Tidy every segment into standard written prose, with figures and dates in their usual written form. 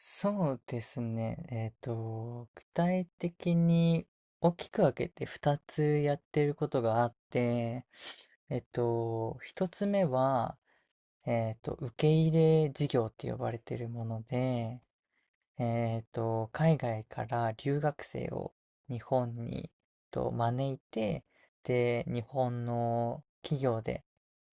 そうですね。具体的に大きく分けて2つやってることがあって、1つ目は、受け入れ事業って呼ばれてるもので、海外から留学生を日本に招いて、で、日本の企業で、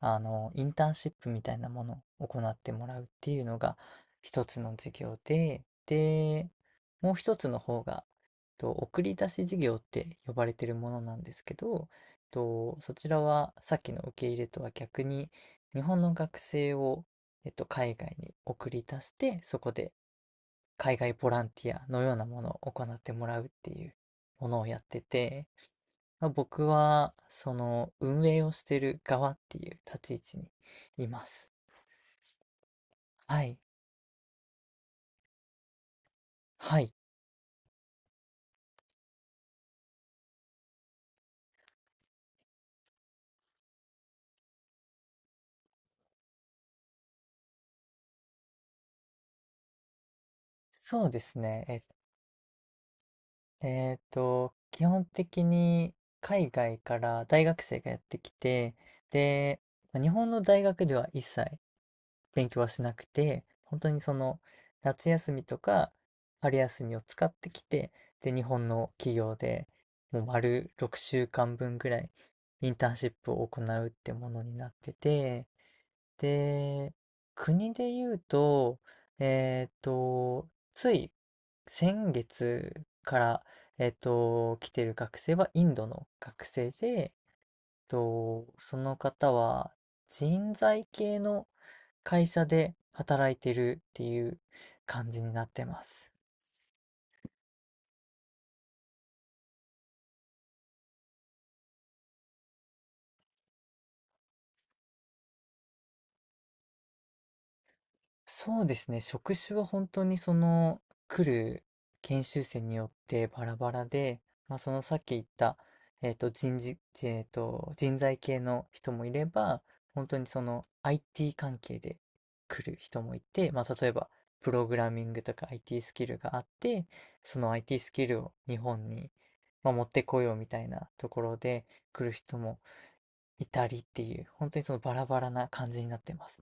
インターンシップみたいなものを行ってもらうっていうのが一つの事業で、で、もう一つの方が、送り出し事業って呼ばれてるものなんですけど、そちらはさっきの受け入れとは逆に、日本の学生を、海外に送り出して、そこで海外ボランティアのようなものを行ってもらうっていうものをやってて、まあ、僕はその運営をしてる側っていう立ち位置にいます。はい。はい。そうですね。え、えーと、基本的に海外から大学生がやってきて、で、まあ日本の大学では一切勉強はしなくて、本当にその、夏休みとか春休みを使ってきて、で、日本の企業で、もう丸6週間分ぐらいインターンシップを行うってものになってて、で、国で言うと、えっと、つい先月から、来てる学生はインドの学生で、その方は人材系の会社で働いてるっていう感じになってます。そうですね、職種は本当にその来る研修生によってバラバラで、まあ、そのさっき言った、えっと、人事、えっと、人材系の人もいれば、本当にその IT 関係で来る人もいて、まあ、例えばプログラミングとか IT スキルがあって、その IT スキルを日本に、まあ、持ってこようみたいなところで来る人もいたりっていう、本当にそのバラバラな感じになってます。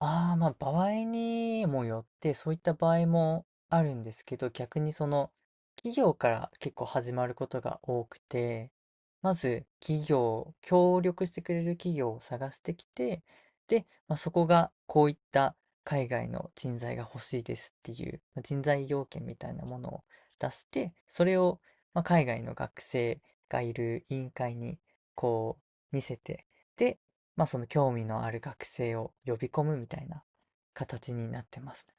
ああ、ま、場合にもよって、そういった場合もあるんですけど、逆にその、企業から結構始まることが多くて、まず協力してくれる企業を探してきて、で、まあ、そこがこういった海外の人材が欲しいですっていう、ま、人材要件みたいなものを出して、それを、ま、海外の学生がいる委員会にこ見せて、で、まあ、その興味のある学生を呼び込むみたいな形になってますね。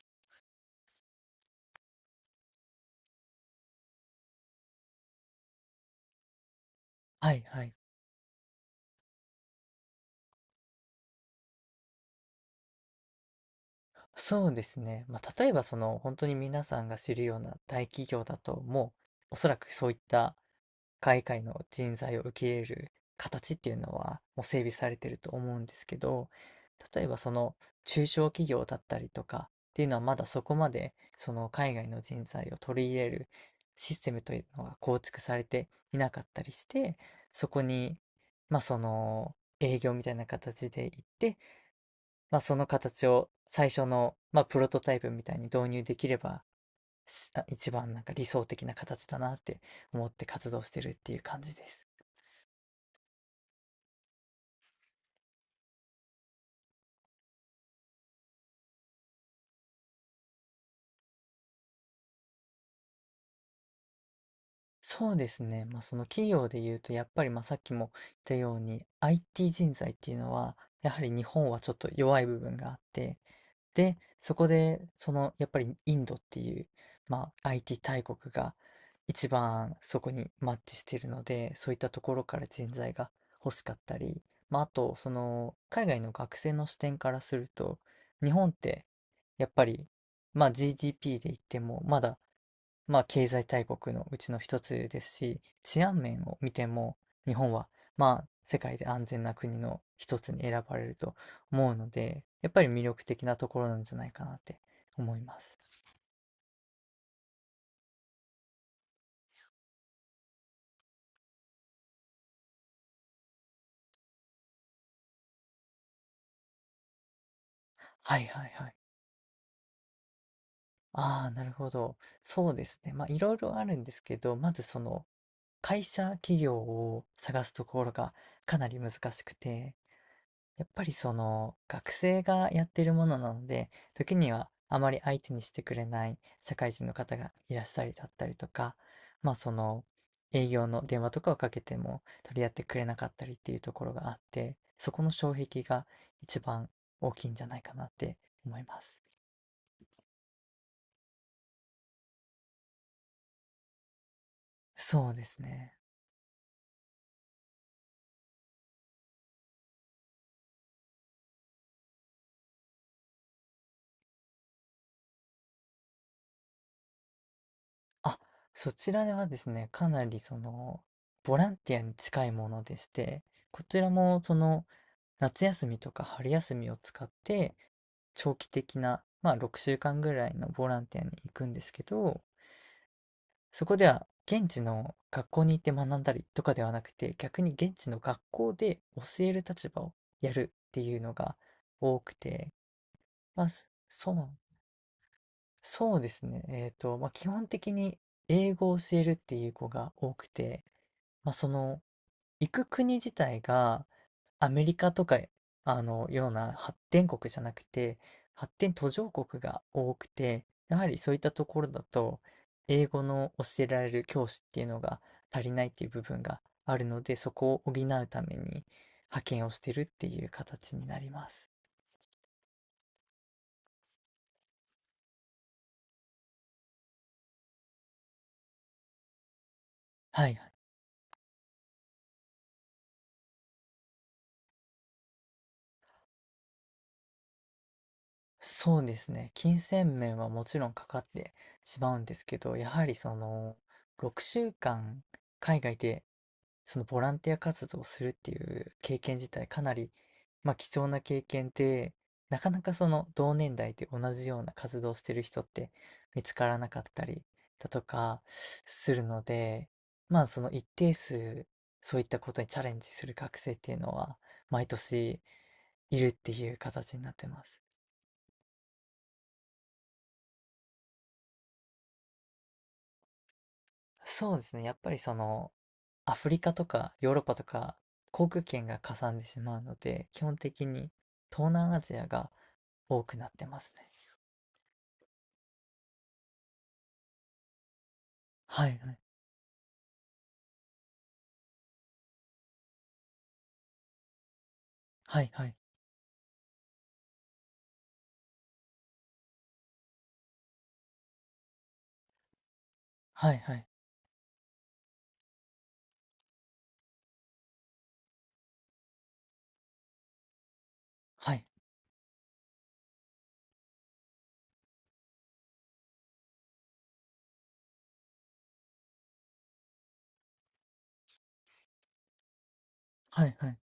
はいはい。そうですね。まあ、例えばその、本当に皆さんが知るような大企業だと、もうおそらくそういった海外の人材を受け入れる形っていうのはもう整備されてると思うんですけど、例えばその中小企業だったりとかっていうのはまだそこまでその海外の人材を取り入れるシステムというのが構築されていなかったりして、そこにまあその営業みたいな形で行って、まあその形を最初のまあプロトタイプみたいに導入できればあ一番なんか理想的な形だなって思って活動してるっていう感じです。そうですね。まあ、その企業で言うと、やっぱりまあさっきも言ったように、IT 人材っていうのは、やはり日本はちょっと弱い部分があって、で、そこで、その、やっぱりインドっていう、まあ、IT 大国が一番そこにマッチしているので、そういったところから人材が欲しかったり、まあ、あと、その、海外の学生の視点からすると、日本って、やっぱり、まあ、GDP で言っても、まだまあ、経済大国のうちの一つですし、治安面を見ても、日本は、まあ、世界で安全な国の一つに選ばれると思うので、やっぱり魅力的なところなんじゃないかなって思います。はいはいはい。ああ、なるほど。そうですね。まあ、いろいろあるんですけど、まずその、企業を探すところがかなり難しくて、やっぱりその学生がやっているものなので、時にはあまり相手にしてくれない社会人の方がいらっしゃりだったりとか、まあその営業の電話とかをかけても取り合ってくれなかったりっていうところがあって、そこの障壁が一番大きいんじゃないかなって思います。そうですね。あ、そちらではですね、かなりその、ボランティアに近いものでして、こちらもその、夏休みとか春休みを使って、長期的な、まあ6週間ぐらいのボランティアに行くんですけど、そこでは現地の学校に行って学んだりとかではなくて、逆に現地の学校で教える立場をやるっていうのが多くて、まあ、そうですね。まあ、基本的に英語を教えるっていう子が多くて、まあ、その、行く国自体がアメリカとか、あの、ような発展国じゃなくて、発展途上国が多くて、やはりそういったところだと、英語の教えられる教師っていうのが足りないっていう部分があるので、そこを補うために派遣をしてるっていう形になります。はい。そうですね。金銭面はもちろんかかってしまうんですけど、やはりその6週間海外でそのボランティア活動をするっていう経験自体かなり、まあ、貴重な経験で、なかなかその同年代で同じような活動をしてる人って見つからなかったりだとかするので、まあその一定数そういったことにチャレンジする学生っていうのは毎年いるっていう形になってます。そうですね。やっぱりその、アフリカとかヨーロッパとか航空券がかさんでしまうので、基本的に東南アジアが多くなってますね。はいはい。はいはい。はいはい。はい。はいはい。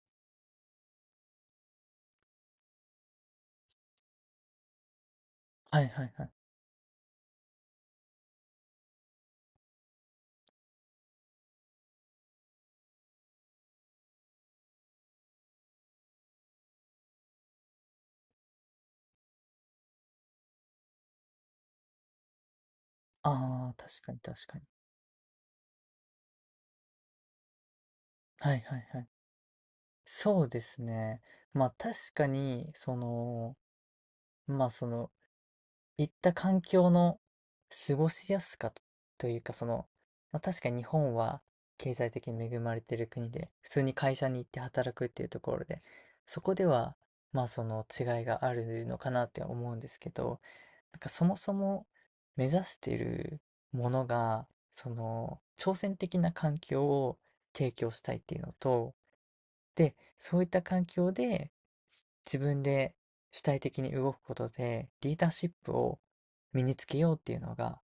はいはいはい。ああ、確かに確かに。はいはいはい。そうですね。まあ確かに、その、まあその行った環境の過ごしやすかというか、その、まあ、確かに日本は経済的に恵まれてる国で、普通に会社に行って働くっていうところで、そこでは、まあその違いがあるのかなって思うんですけど、なんかそもそも目指しているものが、その挑戦的な環境を提供したいっていうのと、で、そういった環境で自分で主体的に動くことでリーダーシップを身につけようっていうのが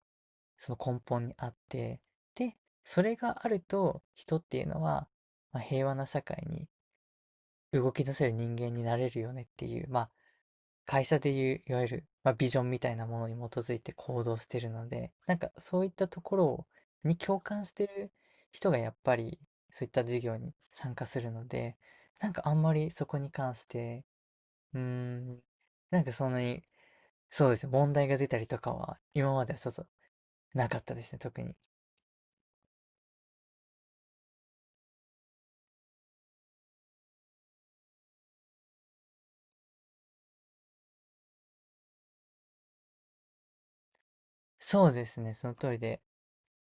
その根本にあって、でそれがあると人っていうのは、まあ、平和な社会に動き出せる人間になれるよねっていう、まあ会社でいういわゆる、まあ、ビジョンみたいなものに基づいて行動してるので、なんかそういったところに共感してる人がやっぱりそういった事業に参加するので、なんかあんまりそこに関してうーん。なんかそんなに、そうですね、問題が出たりとかは、今まではちょっとなかったですね、特に。そうですね、その通りで、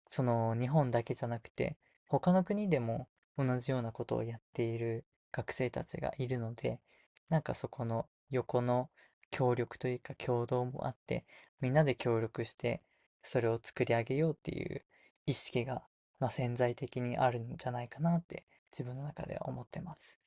その日本だけじゃなくて、他の国でも同じようなことをやっている学生たちがいるので、なんかそこの横の協力というか協働もあって、みんなで協力して、それを作り上げようっていう意識が、まあ、潜在的にあるんじゃないかなって、自分の中では思ってます。